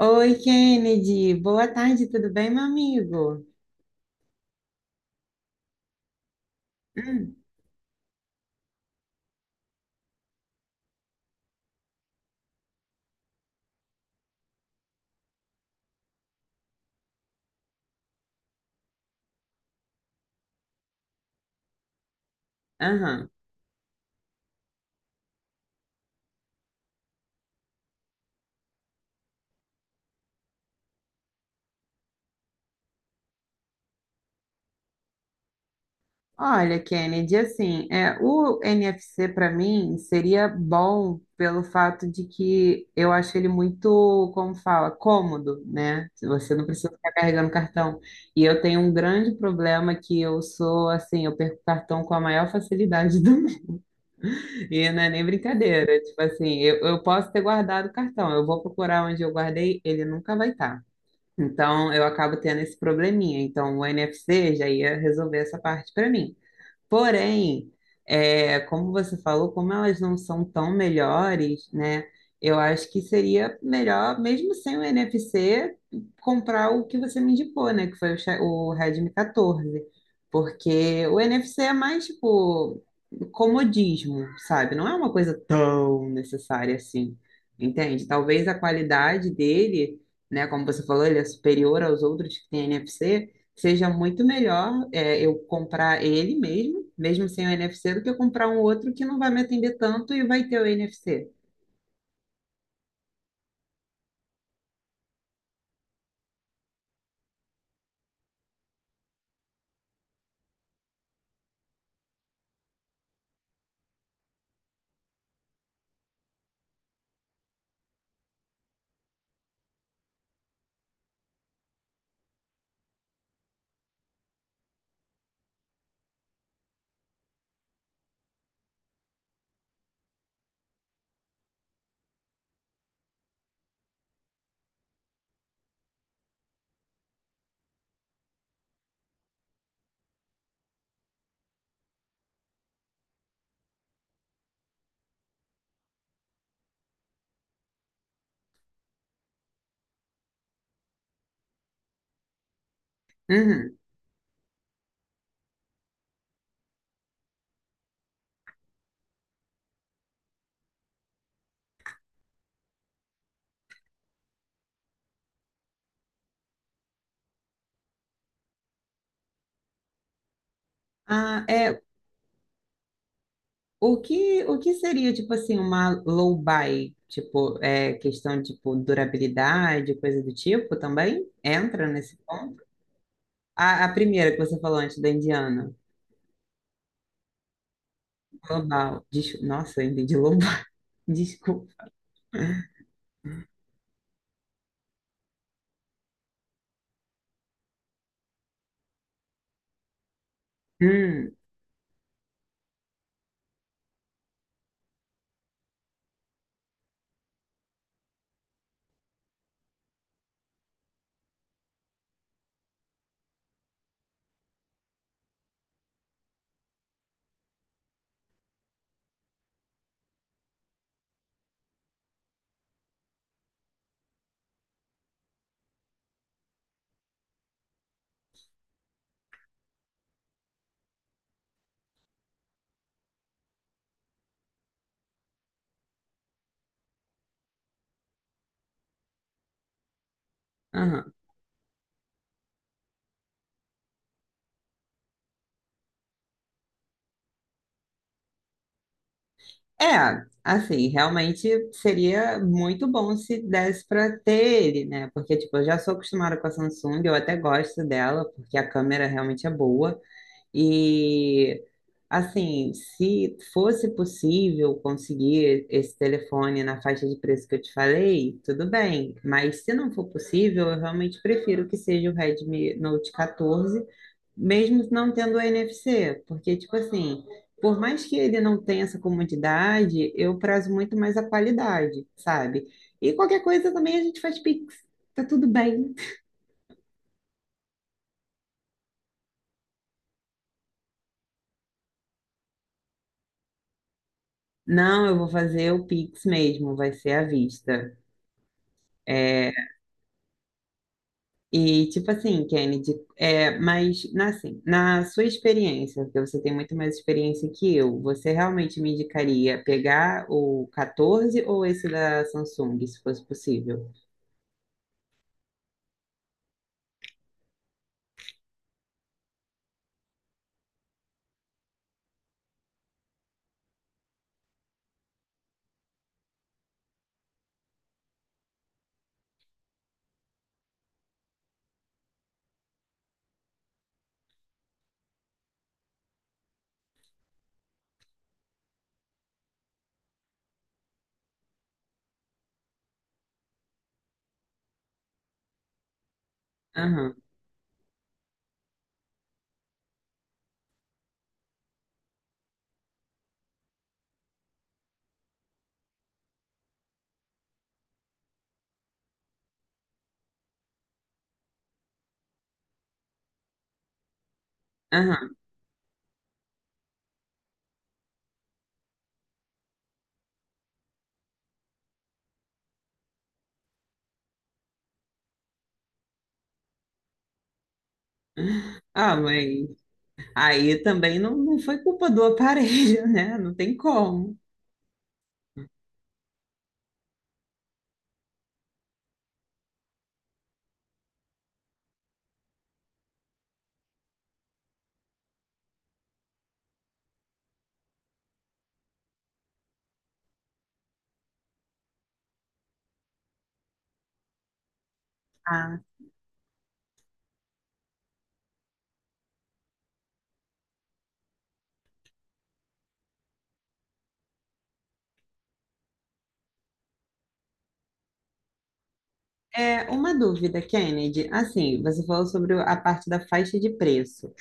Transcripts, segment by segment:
Oi, Kennedy. Boa tarde, tudo bem, meu amigo? Hum. Aham. Olha, Kennedy, assim, é, o NFC para mim seria bom pelo fato de que eu acho ele muito, como fala, cômodo, né? Você não precisa ficar carregando cartão. E eu tenho um grande problema que eu sou, assim, eu perco cartão com a maior facilidade do mundo. E não é nem brincadeira. Tipo assim, eu posso ter guardado o cartão, eu vou procurar onde eu guardei, ele nunca vai estar. Então, eu acabo tendo esse probleminha. Então, o NFC já ia resolver essa parte para mim. Porém, é, como você falou, como elas não são tão melhores, né? Eu acho que seria melhor, mesmo sem o NFC, comprar o que você me indicou, né? Que foi o, o Redmi 14. Porque o NFC é mais, tipo, comodismo, sabe? Não é uma coisa tão necessária assim, entende? Talvez a qualidade dele, né? Como você falou, ele é superior aos outros que têm NFC, seja muito melhor é, eu comprar ele mesmo, mesmo sem o NFC, do que eu comprar um outro que não vai me atender tanto e vai ter o NFC. Uhum. Ah, é, o que seria, tipo assim, uma low buy? Tipo, é, questão, tipo, durabilidade, coisa do tipo também? Entra nesse ponto? A primeira que você falou antes da Indiana, global. Nossa, eu entendi global. Desculpa. Hum. É, assim, realmente seria muito bom se desse para ter ele, né? Porque, tipo, eu já sou acostumada com a Samsung, eu até gosto dela, porque a câmera realmente é boa. E assim, se fosse possível conseguir esse telefone na faixa de preço que eu te falei, tudo bem. Mas se não for possível, eu realmente prefiro que seja o Redmi Note 14, mesmo não tendo o NFC, porque tipo assim, por mais que ele não tenha essa comodidade, eu prazo muito mais a qualidade, sabe? E qualquer coisa também a gente faz Pix, tá tudo bem. Não, eu vou fazer o Pix mesmo, vai ser à vista. É. E tipo assim, Kennedy, é, mas assim, na sua experiência, porque você tem muito mais experiência que eu, você realmente me indicaria pegar o 14 ou esse da Samsung, se fosse possível? Aham, aham. Ah, mas aí também não, não foi culpa do aparelho, né? Não tem como. Ah, é uma dúvida, Kennedy. Assim, você falou sobre a parte da faixa de preço.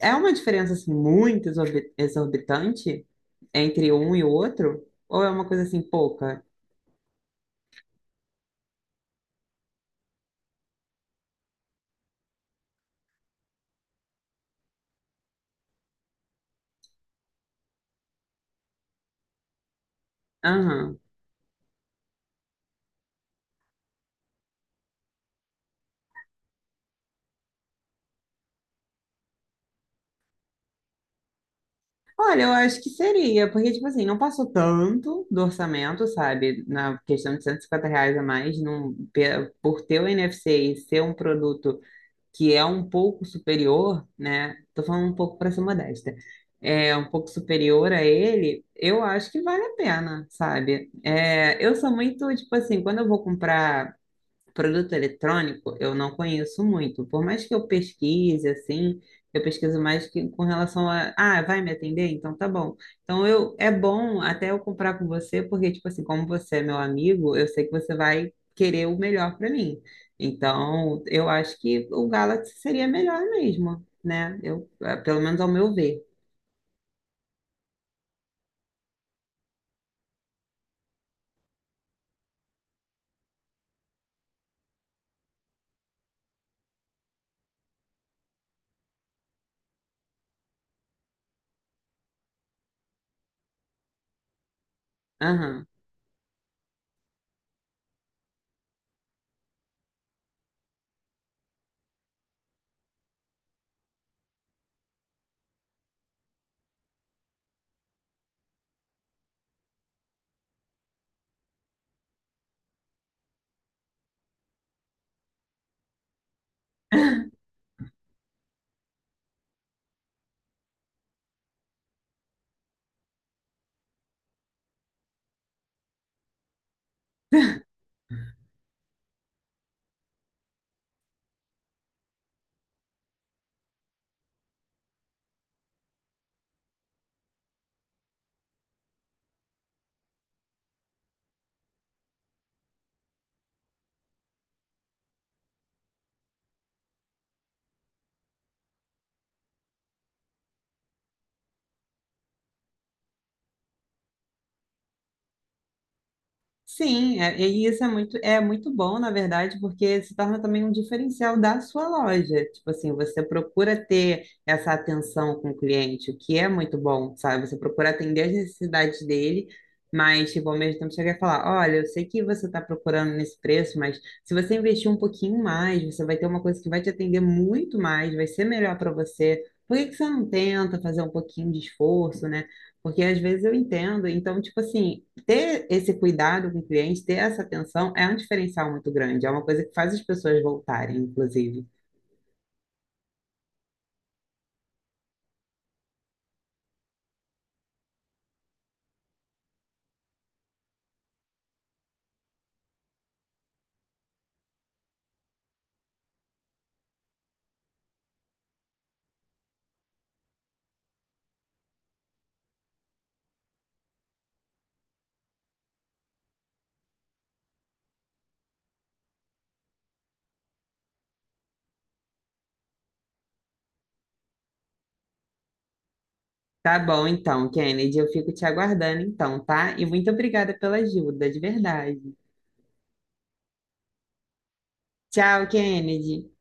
É uma diferença assim muito exorbitante entre um e o outro? Ou é uma coisa assim pouca? Aham. Olha, eu acho que seria, porque, tipo assim, não passou tanto do orçamento, sabe? Na questão de R$ 150 a mais, num, por ter o NFC e ser um produto que é um pouco superior, né? Tô falando um pouco para ser modesta. É um pouco superior a ele, eu acho que vale a pena, sabe? É, eu sou muito, tipo assim, quando eu vou comprar produto eletrônico eu não conheço muito. Por mais que eu pesquise, assim, eu pesquiso mais que com relação a, ah, vai me atender? Então tá bom. Então eu é bom até eu comprar com você, porque, tipo assim, como você é meu amigo, eu sei que você vai querer o melhor para mim. Então, eu acho que o Galaxy seria melhor mesmo, né? Eu, pelo menos ao meu ver. Aham. Sim, é- e isso é muito bom, na verdade, porque se torna também um diferencial da sua loja. Tipo assim, você procura ter essa atenção com o cliente, o que é muito bom, sabe? Você procura atender as necessidades dele, mas, tipo, ao mesmo tempo chegar e falar, olha, eu sei que você está procurando nesse preço, mas se você investir um pouquinho mais, você vai ter uma coisa que vai te atender muito mais, vai ser melhor para você. Por que que você não tenta fazer um pouquinho de esforço, né? Porque às vezes eu entendo, então, tipo assim, ter esse cuidado com o cliente, ter essa atenção é um diferencial muito grande, é uma coisa que faz as pessoas voltarem, inclusive. Tá bom, então, Kennedy, eu fico te aguardando então, tá? E muito obrigada pela ajuda, de verdade. Tchau, Kennedy.